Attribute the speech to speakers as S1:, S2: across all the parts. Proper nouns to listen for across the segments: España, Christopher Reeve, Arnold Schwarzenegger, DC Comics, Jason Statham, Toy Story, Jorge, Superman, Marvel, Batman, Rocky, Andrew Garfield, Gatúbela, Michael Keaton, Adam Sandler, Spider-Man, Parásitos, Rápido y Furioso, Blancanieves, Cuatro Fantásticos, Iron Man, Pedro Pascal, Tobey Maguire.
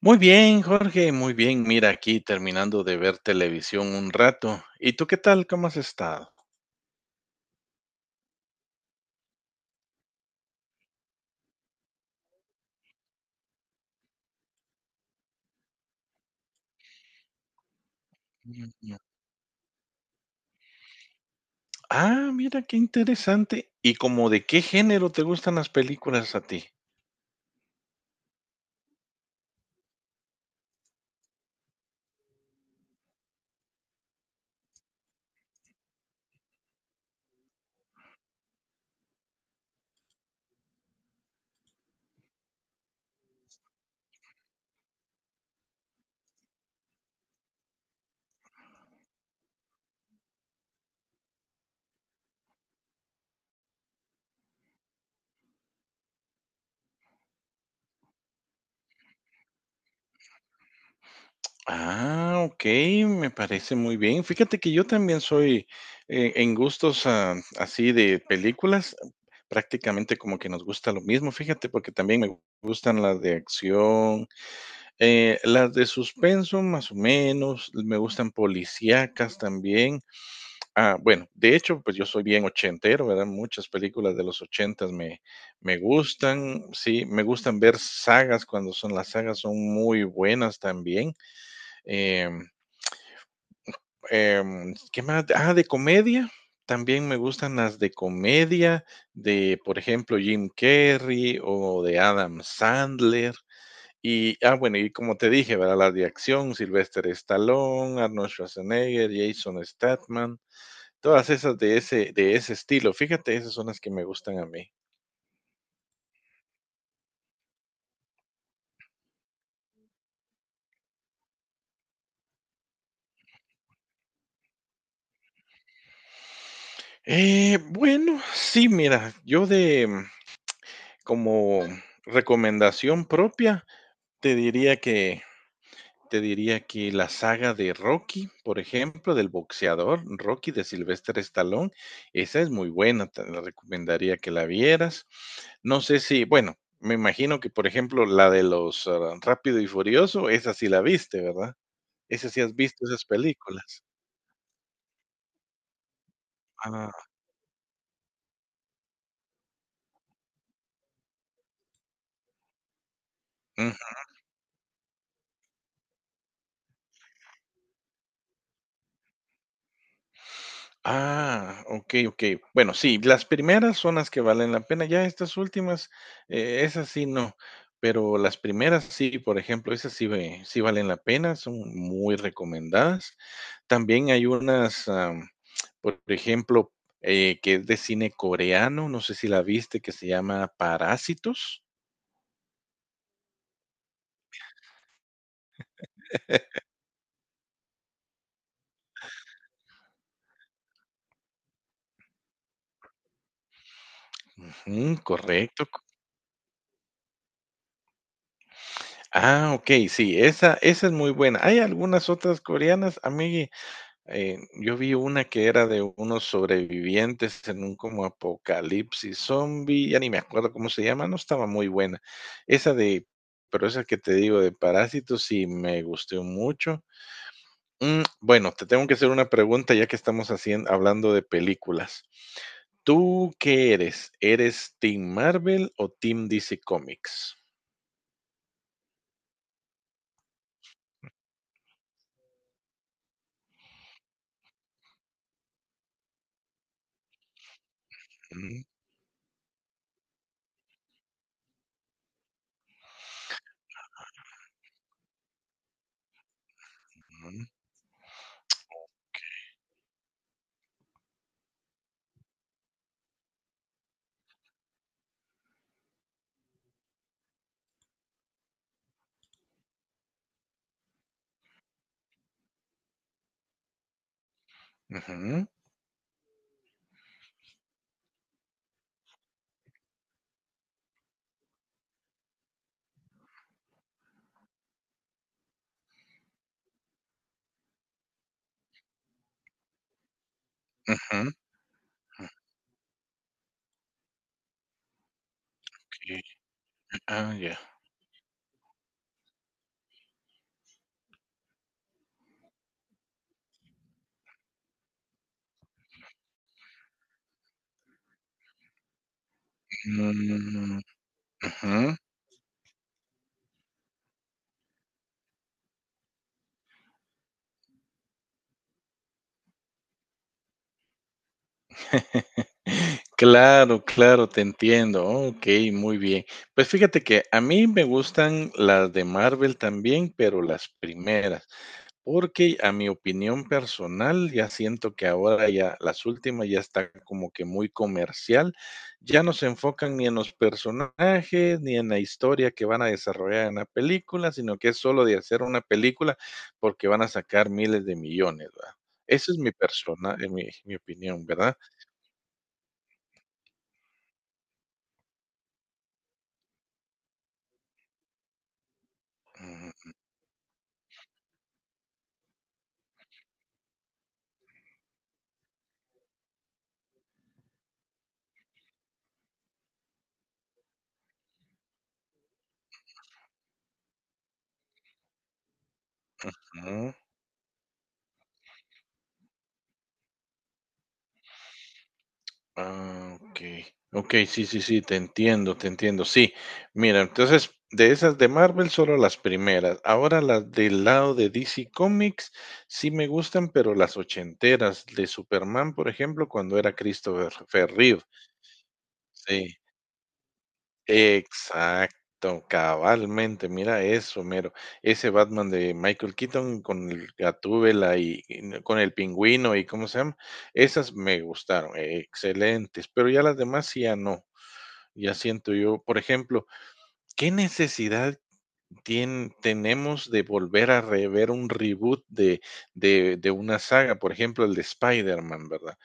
S1: Muy bien, Jorge, muy bien. Mira, aquí terminando de ver televisión un rato. ¿Y tú qué tal? ¿Cómo has estado? Ujú. Ah, mira, qué interesante. ¿Y como de qué género te gustan las películas a ti? Ah, ok, me parece muy bien. Fíjate que yo también soy en gustos así de películas, prácticamente como que nos gusta lo mismo, fíjate, porque también me gustan las de acción. Las de suspenso, más o menos, me gustan policíacas también. Ah, bueno, de hecho, pues yo soy bien ochentero, ¿verdad? Muchas películas de los ochentas me gustan, sí, me gustan ver sagas. Cuando son las sagas, son muy buenas también. Em, ¿Qué más? Ah, de comedia. También me gustan las de comedia, de, por ejemplo, Jim Carrey o de Adam Sandler. Y, bueno, y como te dije, ¿verdad? La de acción, Sylvester Stallone, Arnold Schwarzenegger, Jason Statham, todas esas de ese estilo. Fíjate, esas son las que me gustan a mí. Bueno, sí, mira, yo de como recomendación propia, te diría que te diría que la saga de Rocky, por ejemplo, del boxeador Rocky de Sylvester Stallone. Esa es muy buena, te la recomendaría que la vieras. No sé si, bueno, me imagino que, por ejemplo, la de los, Rápido y Furioso, esa sí la viste, ¿verdad? Esa sí has visto esas películas. Ah. Ah, okey, okey. Bueno, sí, las primeras son las que valen la pena, ya estas últimas, esas sí no, pero las primeras sí. Por ejemplo, esas sí valen la pena, son muy recomendadas. También hay unas, por ejemplo, que es de cine coreano, no sé si la viste, que se llama Parásitos. Ujú, correcto. Ah, okey, sí, esa es muy buena. Hay algunas otras coreanas, a mí. Yo vi una que era de unos sobrevivientes en un como apocalipsis zombie, ya ni me acuerdo cómo se llama, no estaba muy buena. Esa de, pero esa que te digo de Parásitos sí me gustó mucho. Bueno, te tengo que hacer una pregunta ya que estamos hablando de películas. ¿Tú qué eres? ¿Eres Team Marvel o Team DC Comics? Mm, mm, ujú, ujú, ok. Ah, ya. Mm, ujú. Claro, claro, te entiendo. Ok, muy bien. Pues fíjate que a mí me gustan las de Marvel también, pero las primeras, porque a mi opinión personal ya siento que ahora ya las últimas ya está como que muy comercial, ya no se enfocan ni en los personajes ni en la historia que van a desarrollar en la película, sino que es solo de hacer una película porque van a sacar miles de millones, ¿verdad? Esa es mi persona, mi opinión, ¿verdad? Ujú. Ah, ok. Ok, sí, sí, sí, te entiendo, te entiendo. Sí, mira, entonces de esas de Marvel solo las primeras. Ahora las del lado de DC Comics sí me gustan, pero las ochenteras de Superman, por ejemplo, cuando era Christopher Reeve. Sí, exacto, cabalmente. Mira eso, mero. Ese Batman de Michael Keaton con el Gatúbela y con el pingüino y cómo se llama. Esas me gustaron, excelentes, pero ya las demás sí ya no. Ya siento yo, por ejemplo, ¿qué necesidad tenemos de volver a rever un reboot de, una saga? Por ejemplo, el de Spider-Man, ¿verdad?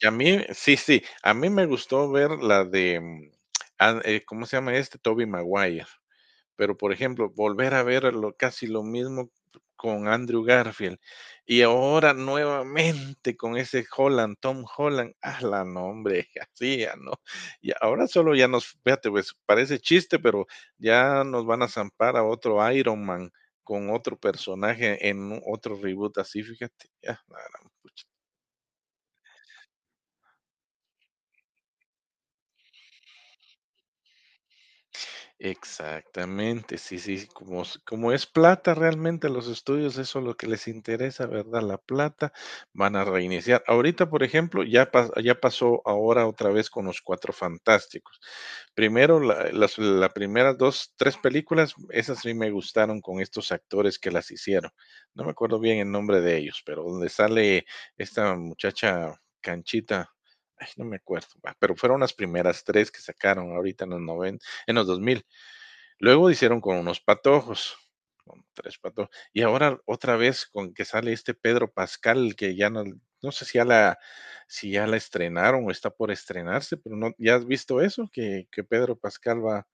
S1: Y a mí, sí, sí, a mí me gustó ver la de, ¿cómo se llama este? Tobey Maguire. Pero, por ejemplo, volver a ver casi lo mismo con Andrew Garfield y ahora nuevamente con ese Holland, Tom Holland, la nombre, así ya no. Y ahora solo ya nos, fíjate, pues parece chiste, pero ya nos van a zampar a otro Iron Man con otro personaje en otro reboot así, fíjate, ya, la gran pucha. Exactamente, sí, sí, sí, como es plata realmente los estudios, eso es lo que les interesa, ¿verdad? La plata, van a reiniciar. Ahorita, por ejemplo, ya pasó ahora otra vez con los Cuatro Fantásticos. Primero, la- las la primeras dos, tres películas, esas sí me gustaron con estos actores que las hicieron. No me acuerdo bien el nombre de ellos, pero donde sale esta muchacha canchita. Ay, no me acuerdo, va, pero fueron las primeras tres que sacaron ahorita en los noventa, en los 2000. Luego hicieron con unos patojos, con tres patojos, y ahora otra vez con que sale este Pedro Pascal, que ya no. No sé si si ya la estrenaron o está por estrenarse, pero no, ¿ya has visto eso? Que Pedro Pascal va,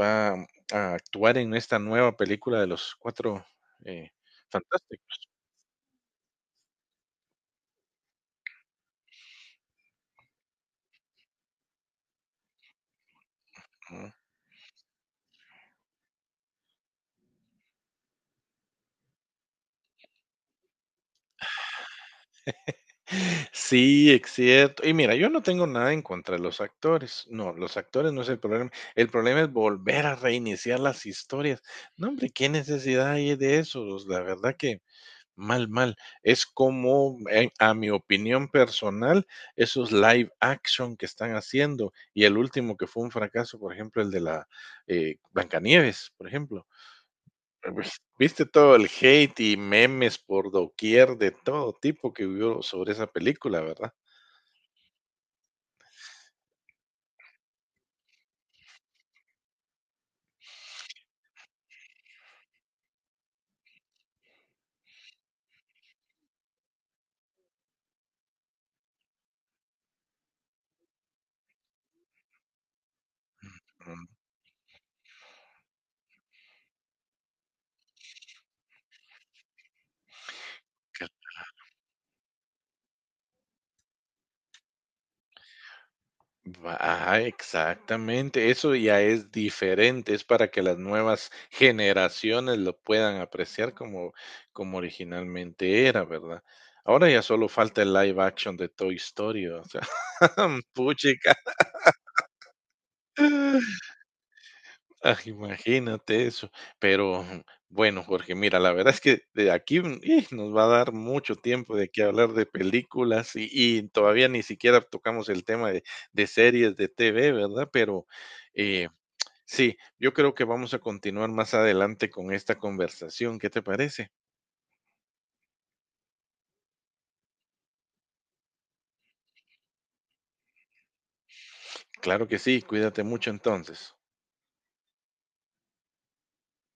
S1: va a actuar en esta nueva película de los cuatro eh, fantásticos. ¿No? Sí, ex cierto. Y mira, yo no tengo nada en contra de los actores. No, los actores no es el problema. El problema es volver a reiniciar las historias. No, hombre, qué necesidad hay de eso. O sea, la verdad que mal, mal. Es como, a mi opinión personal, esos live action que están haciendo. Y el último que fue un fracaso, por ejemplo, el de la Blancanieves, por ejemplo. Pues, viste todo el hate y memes por doquier de todo tipo que hubo sobre esa película, ¿verdad? Mm, que va, ajá, exactamente. Eso ya es diferente, es para que las nuevas generaciones lo puedan apreciar como originalmente era, ¿verdad? Ahora ya solo falta el live action de Toy Story, o sea, puchica. Ah, imagínate eso. Pero bueno, Jorge, mira, la verdad es que de aquí nos va a dar mucho tiempo de qué hablar de películas, y todavía ni siquiera tocamos el tema de series de TV, ¿verdad? Pero eh, sí, yo creo que vamos a continuar más adelante con esta conversación. ¿Qué te parece? Claro que sí, cuídate mucho entonces.